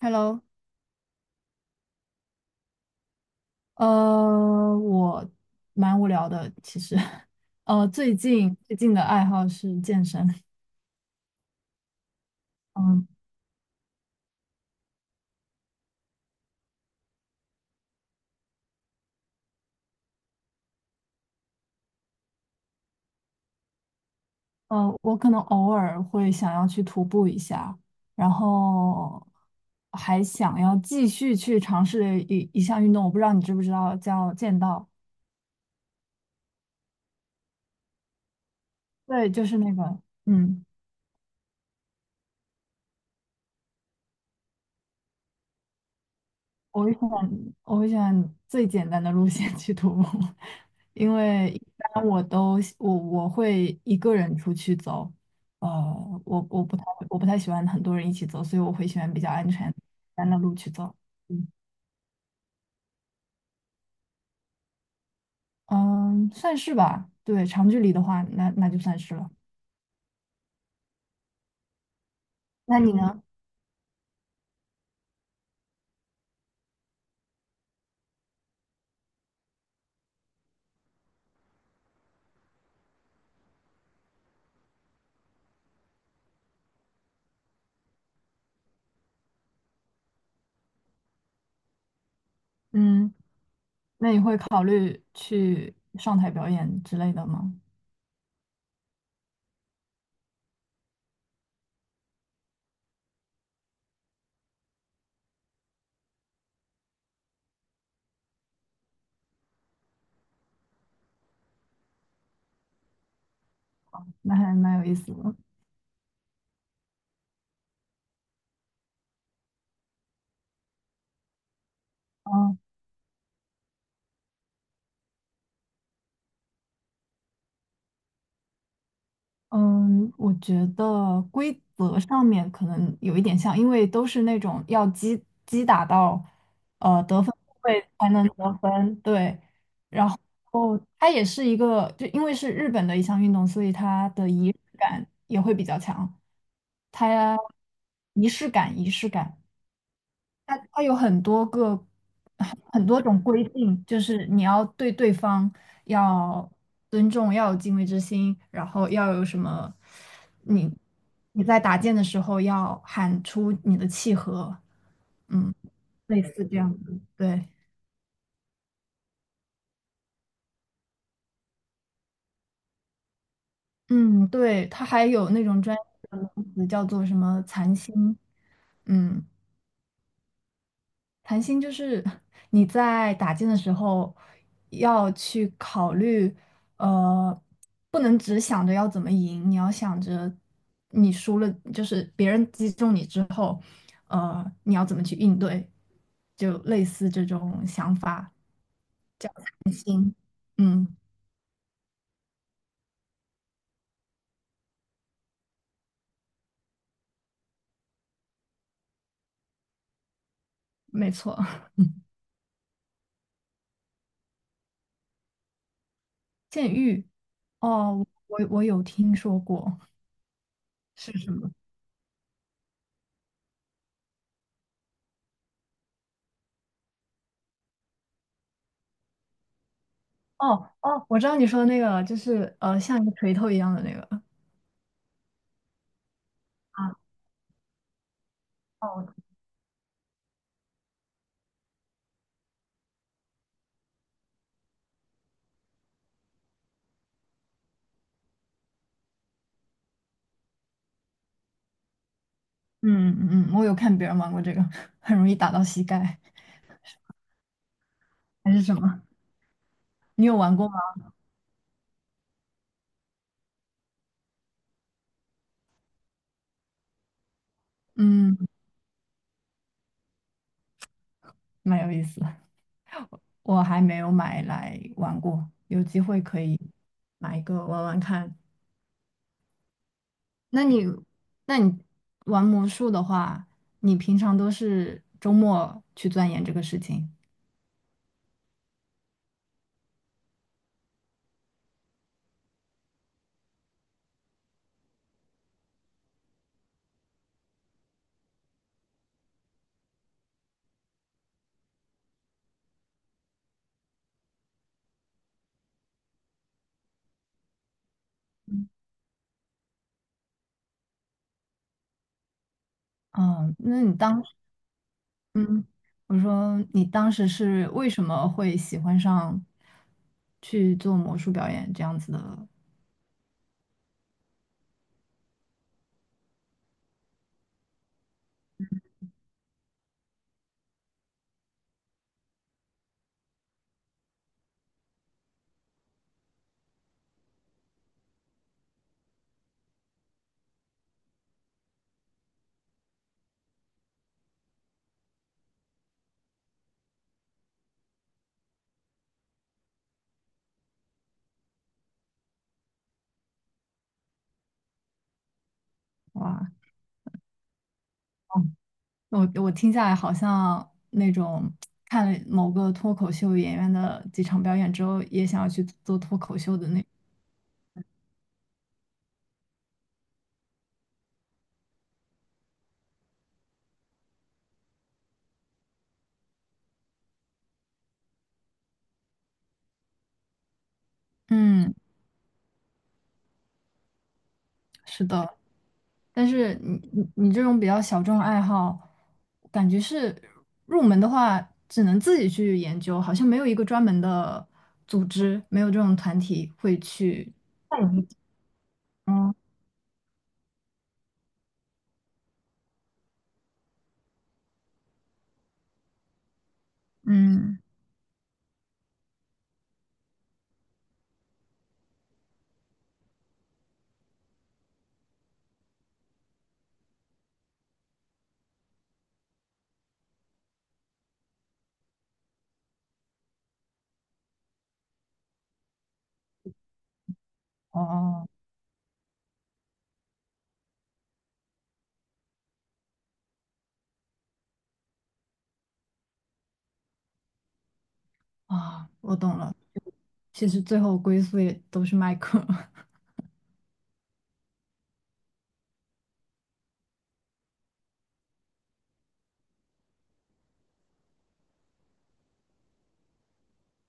Hello，我蛮无聊的，其实。最近的爱好是健身。嗯。我可能偶尔会想要去徒步一下，然后还想要继续去尝试一项运动，我不知道你知不知道叫剑道。对，就是那个。嗯。我会选我会选最简单的路线去徒步。因为一般我都我我会一个人出去走。呃，我我不太我不太喜欢很多人一起走，所以我会喜欢比较安全、单的路去走。嗯，嗯，算是吧。对，长距离的话，那就算是了。那你呢？嗯，那你会考虑去上台表演之类的吗？那还蛮有意思的。嗯嗯，我觉得规则上面可能有一点像，因为都是那种要击打到得分部位才能得分。对。哦，它也是一个，就因为是日本的一项运动，所以它的仪式感也会比较强。它仪式感，仪式感。它它有很多个很多种规定，就是你要对对方要尊重，要有敬畏之心，然后要有什么，你你在打剑的时候要喊出你的契合。嗯，类似这样子。对。嗯，对，它还有那种专业的名词叫做什么残心。嗯，谈心就是 你在打剑的时候要去考虑，呃，不能只想着要怎么赢，你要想着你输了，就是别人击中你之后，你要怎么去应对，就类似这种想法。叫嗯，没错。剑玉。哦，我我有听说过。是什么？哦哦，我知道你说的那个，就是像一个锤头一样的那个。啊。哦。嗯嗯，嗯我有看别人玩过这个。很容易打到膝盖还是什么？你有玩过吗？嗯，蛮有意思的，我还没有买来玩过，有机会可以买一个玩玩看。那你，那你玩魔术的话，你平常都是周末去钻研这个事情？嗯。哦那你当，嗯，我说你当时是为什么会喜欢上去做魔术表演这样子的？哇，我我听下来好像那种看了某个脱口秀演员的几场表演之后，也想要去做脱口秀的那。嗯，是的。但是你这种比较小众爱好，感觉是入门的话，只能自己去研究，好像没有一个专门的组织，没有这种团体会去。嗯嗯，哦啊，我懂了。其实最后归宿也都是麦克。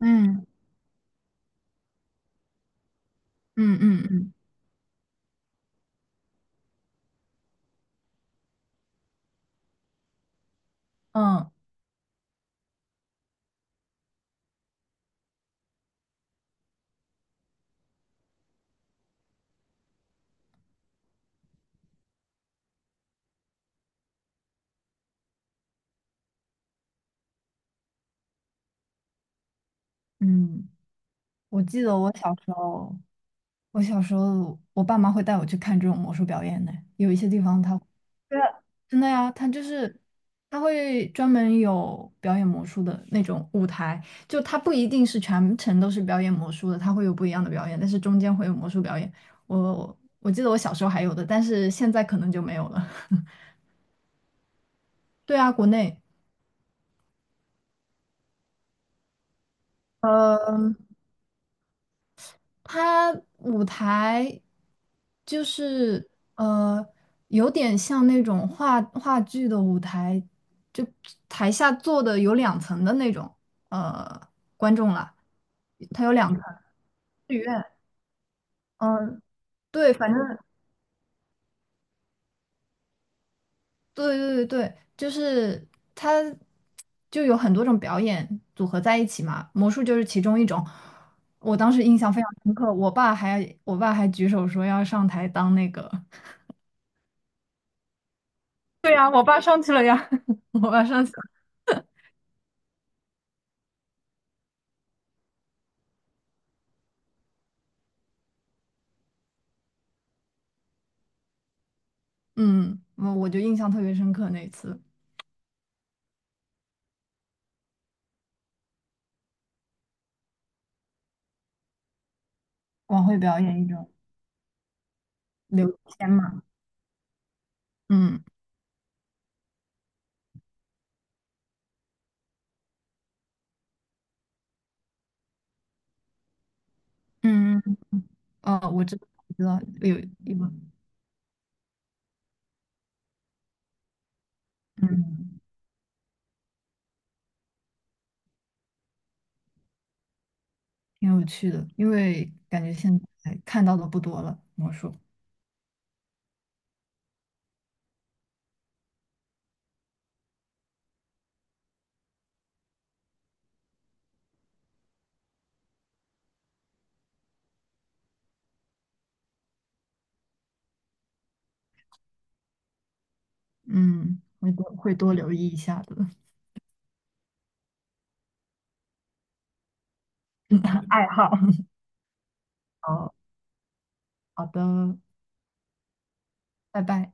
嗯嗯嗯嗯嗯嗯。我记得我小时候，我小时候，我爸妈会带我去看这种魔术表演呢。有一些地方他 对啊，真的呀，他就是他会专门有表演魔术的那种舞台，就他不一定是全程都是表演魔术的，他会有不一样的表演，但是中间会有魔术表演。我记得我小时候还有的，但是现在可能就没有了。对啊，国内。呃它舞台就是呃，有点像那种话剧的舞台，就台下坐的有两层的那种呃观众啦。它有两层剧院。嗯、对，反正对对对对，就是它就有很多种表演组合在一起嘛，魔术就是其中一种。我当时印象非常深刻，我爸还举手说要上台当那个。对呀，我爸上去了呀，我爸上去了。嗯，我我就印象特别深刻那一次晚会表演一种刘谦嘛。嗯嗯，哦，我知道有一个嗯挺有趣的，因为感觉现在看到的不多了，魔术。嗯，会多留意一下的。爱好。好好的。拜拜。